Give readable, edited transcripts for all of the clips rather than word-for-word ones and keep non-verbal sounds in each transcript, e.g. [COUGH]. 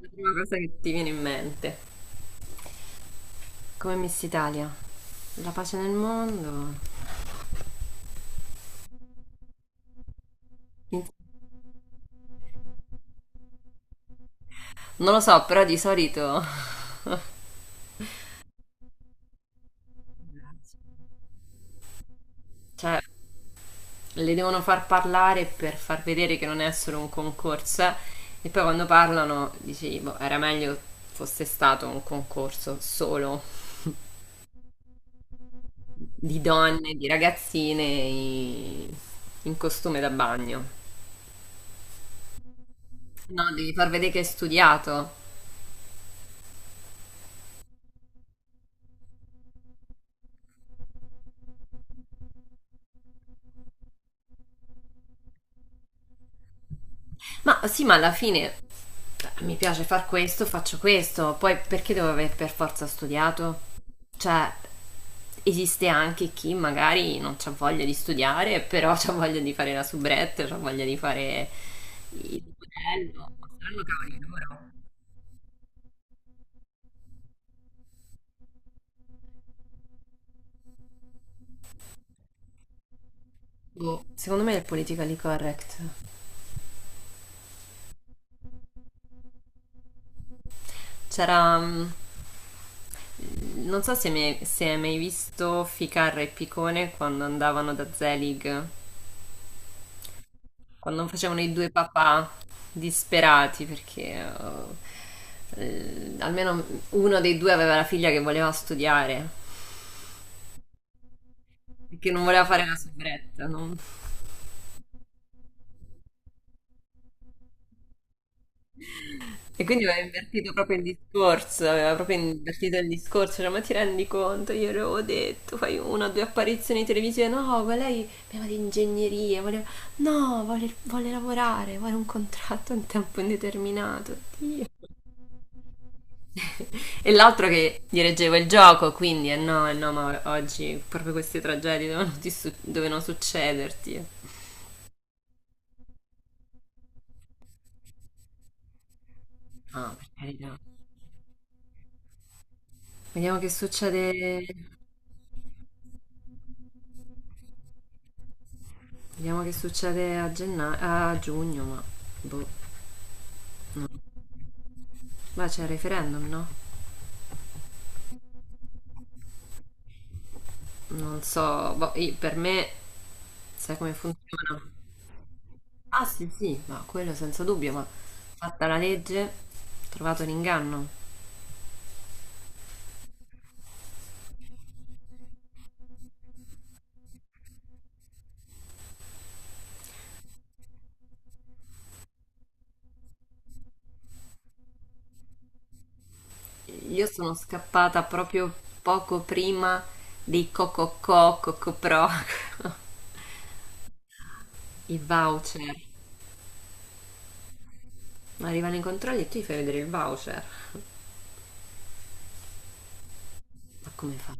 La prima cosa che ti viene in mente. Come Miss Italia? La pace nel mondo? Non lo so, però di solito... Cioè, le devono far parlare per far vedere che non è solo un concorso. E poi quando parlano, dici, boh, era meglio fosse stato un concorso solo di donne, di in costume da bagno. No, devi far vedere che hai studiato. Ma sì, ma alla fine mi piace far questo, faccio questo, poi perché devo aver per forza studiato? Cioè, esiste anche chi magari non ha voglia di studiare, però ha voglia di fare la soubrette, ha voglia di fare il modello, saranno cavoli loro. Secondo me è il politically correct. C'era non so se se hai mai visto Ficarra e Picone quando andavano da Zelig, quando facevano i due papà disperati perché almeno uno dei due aveva la figlia che voleva studiare e che non voleva fare la soubretta, no? E quindi aveva invertito proprio il discorso, aveva proprio invertito il discorso, cioè ma ti rendi conto, io le avevo detto, fai una o due apparizioni televisive, no, ma lei voleva di ingegneria, voleva... no, vuole, vuole lavorare, vuole un contratto a tempo indeterminato, Dio. [LAUGHS] E l'altro che dirigeva il gioco, quindi eh no, ma oggi proprio queste tragedie dovevano, dovevano succederti. No, per carità. Vediamo che succede. Vediamo che succede a, a giugno, ma boh. Ma c'è il referendum, no? Non so, boh, per me sai come funziona? Ah sì, sì, ma quello senza dubbio, ma fatta la legge, trovato l'inganno. Io sono scappata proprio poco prima dei Cococò, Cocopro, [LAUGHS] i voucher. Ma arrivano i controlli e tu gli fai vedere il voucher. Ma come fa?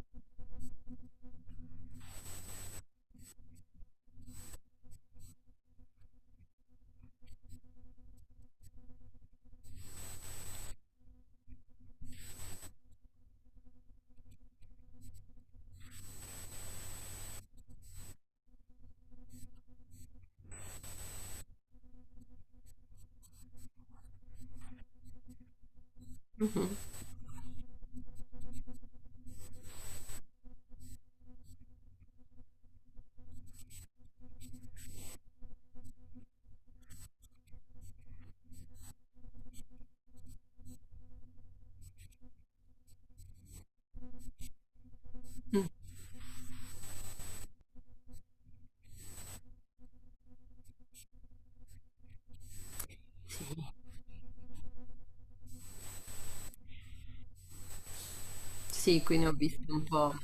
Sì, quindi ho visto un po'.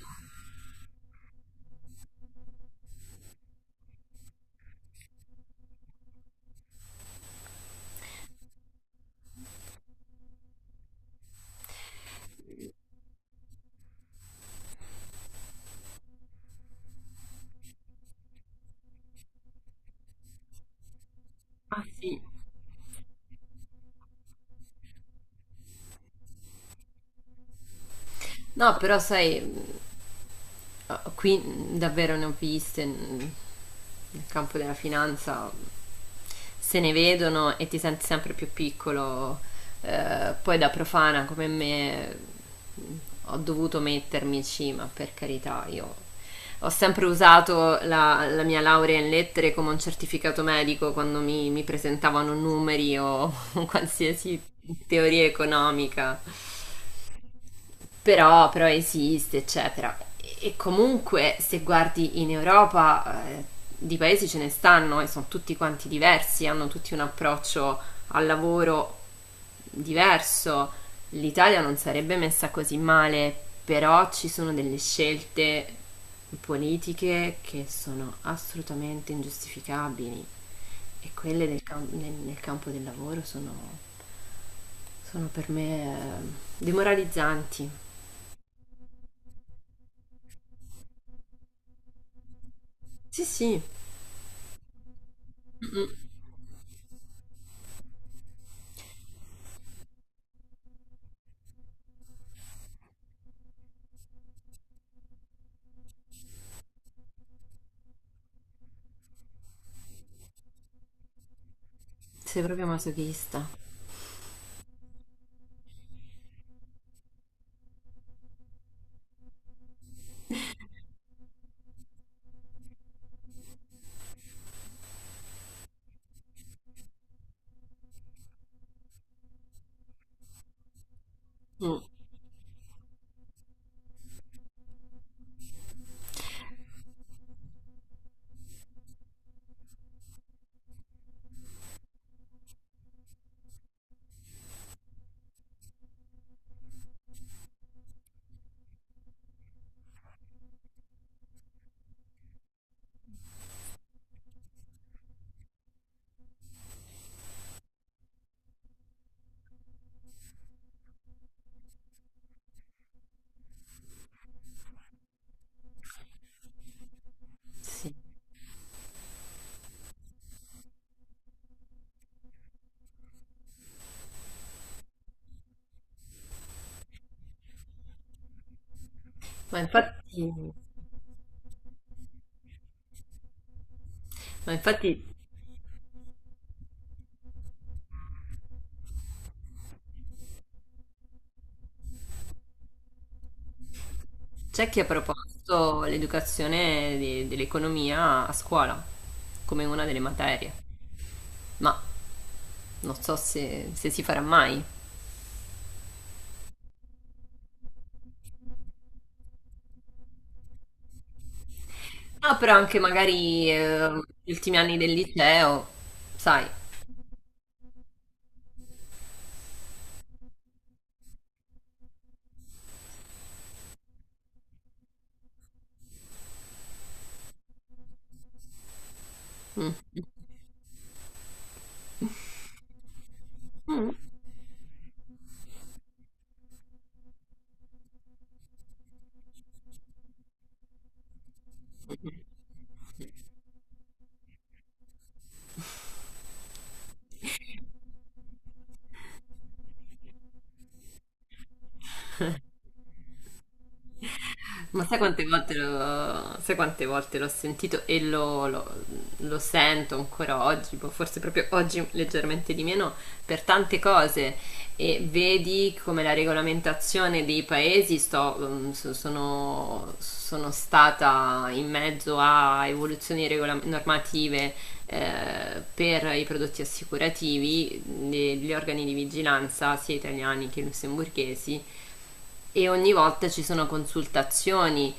Ah sì. No, però sai, ah, qui davvero ne ho viste, nel campo della finanza, se ne vedono e ti senti sempre più piccolo. Poi da profana come me, mh, ho dovuto mettermici, ma per carità, io ho sempre usato la mia laurea in lettere come un certificato medico quando mi presentavano numeri o [LAUGHS] qualsiasi teoria economica. Però, però esiste, eccetera. E comunque, se guardi in Europa, di paesi ce ne stanno e sono tutti quanti diversi, hanno tutti un approccio al lavoro diverso. L'Italia non sarebbe messa così male, però ci sono delle scelte politiche che sono assolutamente ingiustificabili e quelle del nel campo del lavoro sono, sono per me demoralizzanti. Sì, sì. Mm, sei proprio masochista. Mm, sì. Ma infatti, ma infatti c'è chi ha proposto l'educazione dell'economia a scuola come una delle materie, ma non so se si farà mai. Ah, però anche magari gli ultimi anni del liceo, sai. Mm. [LAUGHS] Ma sai quante volte l'ho, sai quante volte l'ho sentito e lo sento ancora oggi, boh, forse proprio oggi leggermente di meno, per tante cose. E vedi come la regolamentazione dei paesi sono, sono stata in mezzo a evoluzioni normative, per i prodotti assicurativi, gli organi di vigilanza, sia italiani che lussemburghesi, e ogni volta ci sono consultazioni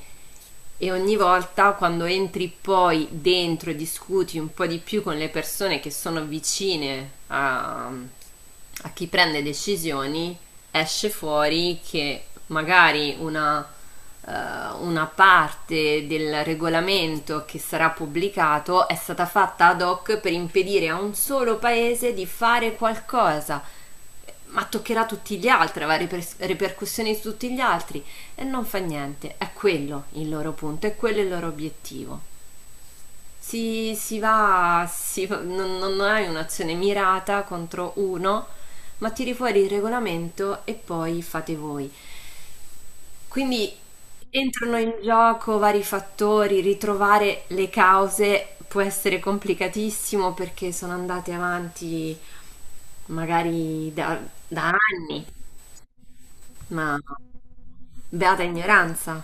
e ogni volta quando entri poi dentro e discuti un po' di più con le persone che sono vicine a, a chi prende decisioni, esce fuori che magari eh, una parte del regolamento che sarà pubblicato è stata fatta ad hoc per impedire a un solo paese di fare qualcosa, ma toccherà tutti gli altri, avrà ripercussioni su tutti gli altri, e non fa niente, è quello il loro punto, è quello il loro obiettivo. Si, non hai un'azione mirata contro uno, ma tiri fuori il regolamento e poi fate voi. Quindi entrano in gioco vari fattori, ritrovare le cause può essere complicatissimo perché sono andate avanti magari da anni, ma beata ignoranza.